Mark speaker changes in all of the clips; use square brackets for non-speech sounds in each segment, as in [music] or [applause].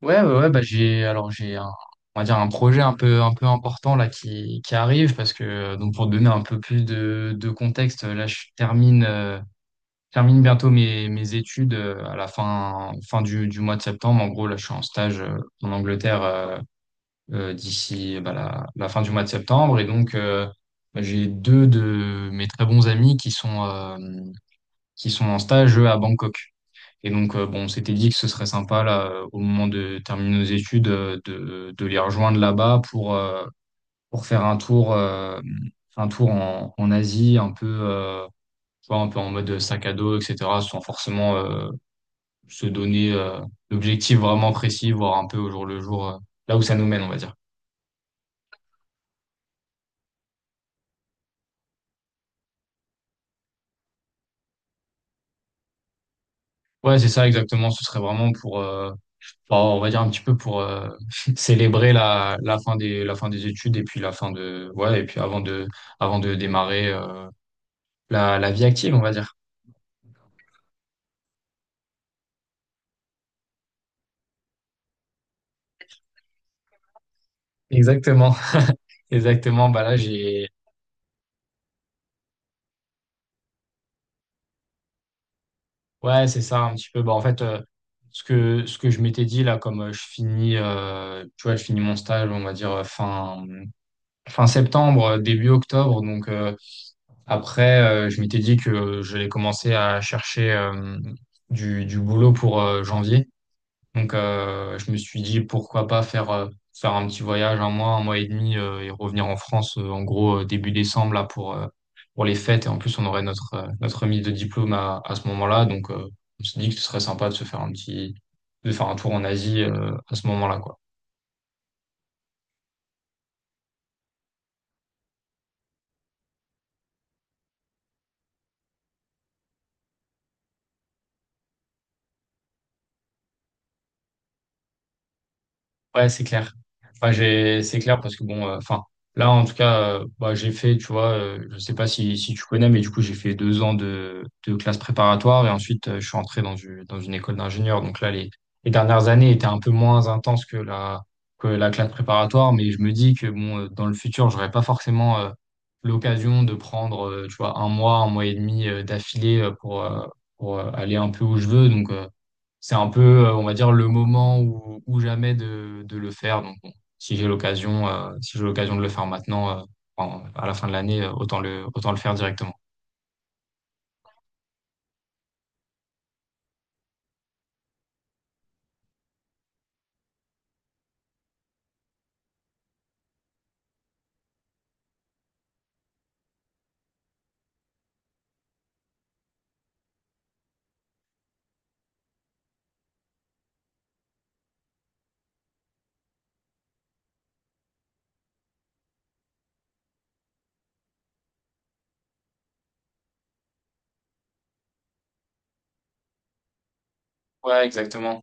Speaker 1: Ouais, ouais, ouais, bah j'ai un, on va dire, un projet un peu important là qui arrive parce que donc pour te donner un peu plus de contexte là je termine, termine bientôt mes études, à la fin du mois de septembre. En gros là je suis en stage, en Angleterre, d'ici bah, la fin du mois de septembre. Et donc bah, j'ai deux de mes très bons amis qui sont en stage eux, à Bangkok. Et donc, bon, on s'était dit que ce serait sympa, là, au moment de terminer nos études, de les rejoindre là-bas pour faire un tour en Asie, un peu, tu vois, un peu en mode sac à dos, etc., sans forcément se donner d'objectifs vraiment précis, voir un peu au jour le jour, là où ça nous mène, on va dire. Ouais, c'est ça, exactement. Ce serait vraiment pour, bah, on va dire un petit peu pour [laughs] célébrer la fin la fin des études et puis la fin de, ouais, et puis avant de démarrer, la, la vie active, on va dire. Exactement. [laughs] Exactement. Bah là, j'ai, ouais, c'est ça un petit peu. Bah en fait, ce que je m'étais dit là, comme je finis, tu vois, je finis mon stage, on va dire fin septembre, début octobre. Donc après, je m'étais dit que j'allais commencer à chercher du boulot pour janvier. Donc, je me suis dit pourquoi pas faire, faire un petit voyage, un mois et demi, et revenir en France, en gros, début décembre, là, pour les fêtes. Et en plus, on aurait notre, notre remise de diplôme à ce moment-là. Donc, on s'est dit que ce serait sympa de se faire un de faire un tour en Asie, à ce moment-là, quoi. Ouais, c'est clair. Enfin, j'ai, c'est clair parce que bon, enfin, là, en tout cas, bah, j'ai fait, tu vois, je sais pas si tu connais, mais du coup, j'ai fait 2 ans de classe préparatoire et ensuite, je suis entré dans une école d'ingénieur. Donc là, les dernières années étaient un peu moins intenses que que la classe préparatoire, mais je me dis que bon, dans le futur, j'aurais pas forcément, l'occasion de prendre, tu vois, un mois et demi, d'affilée pour, aller un peu où je veux. Donc, c'est un peu, on va dire, le moment ou jamais de le faire. Donc, bon, si j'ai l'occasion, si j'ai l'occasion de le faire maintenant, à la fin de l'année, autant le faire directement. Ouais, exactement.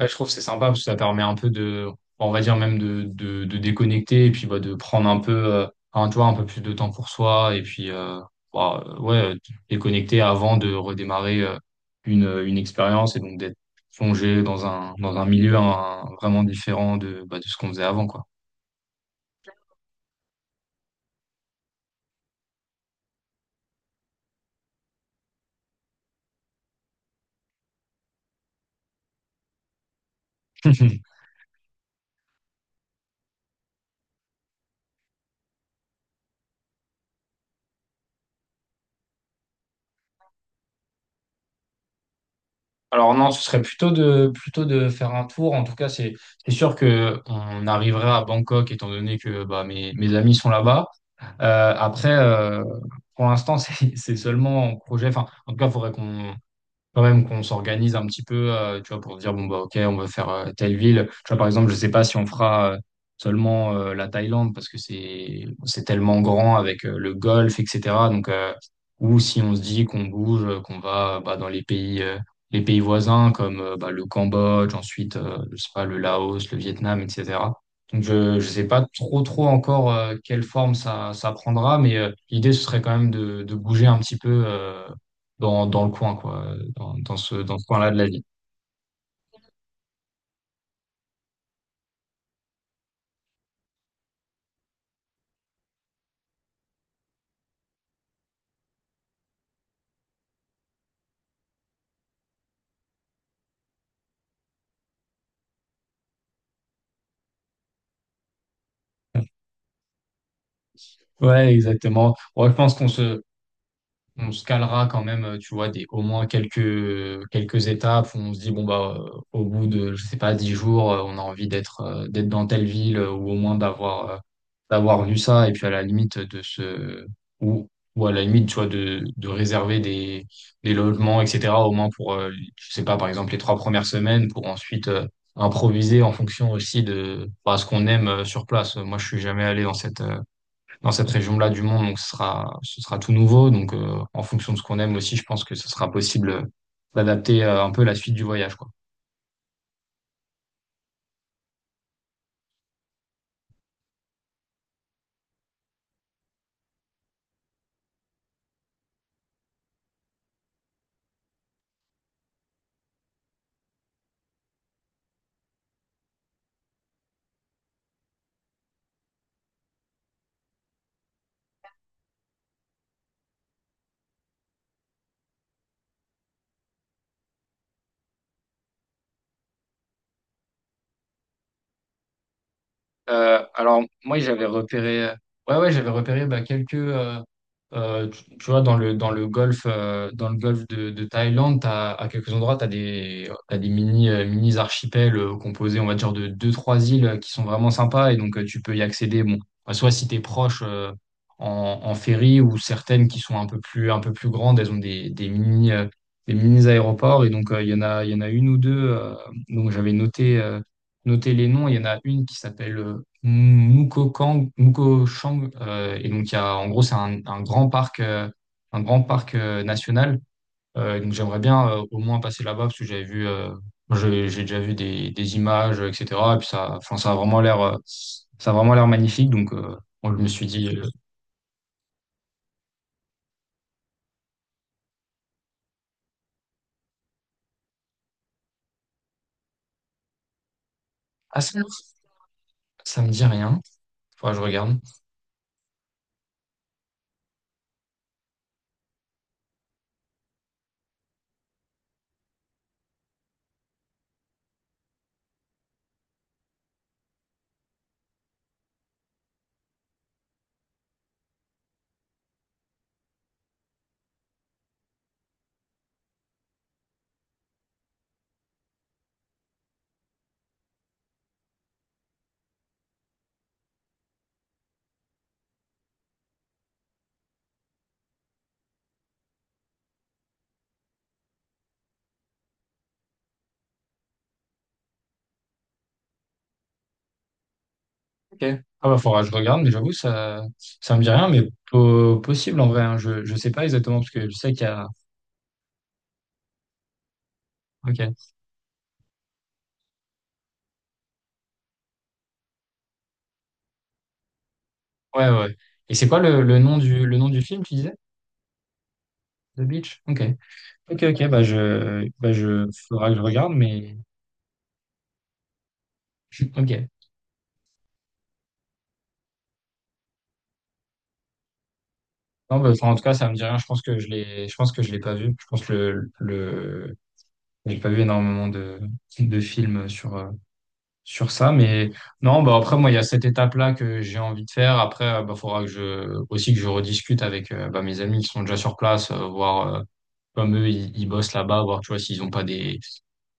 Speaker 1: Ouais, je trouve que c'est sympa parce que ça permet un peu de, on va dire même de déconnecter et puis bah, de prendre un peu, tu vois, un peu plus de temps pour soi et puis, ouais, déconnecter avant de redémarrer une expérience, et donc d'être plongé dans un milieu hein, vraiment différent bah, de ce qu'on faisait avant, quoi. [laughs] Alors non, ce serait plutôt de faire un tour. En tout cas, c'est sûr que on arriverait à Bangkok étant donné que bah, mes amis sont là-bas. Après, pour l'instant, [laughs] c'est seulement en projet. Enfin, en tout cas, il faudrait qu'on quand même qu'on s'organise un petit peu, tu vois, pour dire, bon, bah, ok, on va faire telle ville. Tu vois, par exemple, je sais pas si on fera seulement la Thaïlande parce que c'est tellement grand avec le golfe, etc. Donc, ou si on se dit qu'on bouge, qu'on va bah, dans les pays voisins comme bah, le Cambodge, ensuite, je sais pas, le Laos, le Vietnam, etc. Donc, je sais pas trop encore quelle forme ça prendra, mais l'idée, ce serait quand même de bouger un petit peu, dans, dans le coin, quoi, dans ce coin-là de la vie. Ouais, exactement. Ouais, je pense on se calera quand même, tu vois, au moins quelques étapes où on se dit, bon, bah, au bout de, je sais pas, 10 jours, on a envie d'être d'être dans telle ville ou au moins d'avoir d'avoir vu ça. Et puis à la limite de se. Ou, ou à la limite, tu vois, de réserver des logements, etc. Au moins pour, je sais pas, par exemple, les 3 premières semaines pour ensuite, improviser en fonction aussi de bah, ce qu'on aime sur place. Moi, je suis jamais allé dans cette région-là du monde. Donc, ce sera tout nouveau. Donc, en fonction de ce qu'on aime aussi, je pense que ce sera possible d'adapter un peu la suite du voyage, quoi. Alors, moi, j'avais repéré, ouais, ouais, j'avais repéré bah, quelques, tu vois, dans le golfe de Thaïlande, t'as, à quelques endroits, t'as des mini, mini archipels composés, on va dire, de 2, 3 îles qui sont vraiment sympas, et donc tu peux y accéder, bon, bah, soit si tu es proche en ferry, ou certaines qui sont un peu plus grandes, elles ont des mini aéroports, et donc il y en a une ou deux, donc j'avais noté, noter les noms. Il y en a une qui s'appelle Moukokang, Moukochang, et donc il y a, en gros, c'est un grand parc national. Donc j'aimerais bien au moins passer là-bas parce que j'avais vu, j'ai déjà vu des images, etc. Et puis ça, enfin, ça a vraiment l'air, ça a vraiment l'air magnifique. Donc moi, je me suis dit, ah ça, ça me dit rien. Faudra que je regarde. Ok. Ah bah faudra que je regarde, mais j'avoue ça me dit rien, mais po- possible en vrai, hein. Je sais pas exactement parce que je sais qu'il y a. Ok. Ouais, ouais. Et c'est quoi le nom du film, tu disais? The Beach? Ok. Ok, ok, faudra que je regarde, mais [laughs] ok. Non, bah, enfin, en tout cas, ça me dit rien. Je pense que je l'ai, je pense que je l'ai pas vu. Je pense que j'ai pas vu énormément de films sur, sur ça, mais non, bah après, moi, il y a cette étape-là que j'ai envie de faire. Après, bah, faudra aussi que je rediscute avec, bah, mes amis qui sont déjà sur place, voir, comme eux, ils bossent là-bas, voir, tu vois, s'ils ont pas des,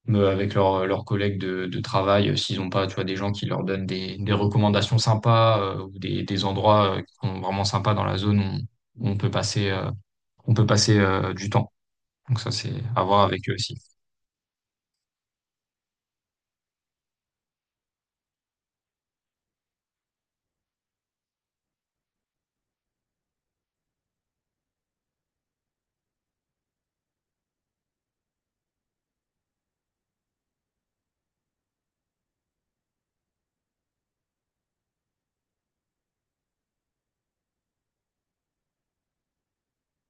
Speaker 1: avec leurs leurs collègues de travail, s'ils n'ont pas, tu vois, des gens qui leur donnent des recommandations sympas ou des endroits qui sont vraiment sympas dans la zone où on peut passer du temps. Donc ça, c'est à voir avec eux aussi.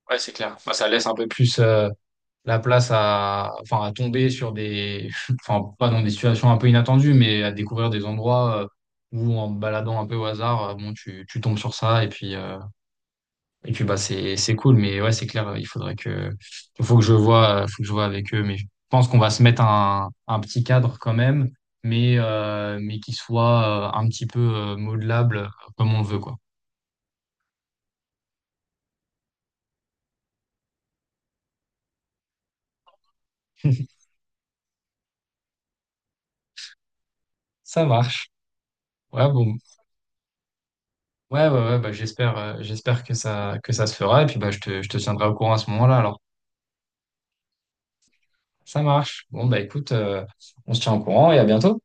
Speaker 1: Ouais, c'est clair. Enfin, ça laisse un peu plus la place à, enfin, à tomber sur des, [laughs] enfin, pas dans des situations un peu inattendues, mais à découvrir des endroits où en te baladant un peu au hasard, bon, tu tombes sur ça et puis et puis bah c'est cool, mais ouais, c'est clair, il faudrait que il faut que je vois, faut que je vois avec eux, mais je pense qu'on va se mettre un petit cadre quand même, mais qui soit un petit peu modelable comme on le veut quoi. [laughs] Ça marche. Ouais bon. Ouais ouais ouais bah j'espère, j'espère que ça se fera, et puis bah je te tiendrai au courant à ce moment-là alors. Ça marche. Bon bah écoute, on se tient au courant et à bientôt.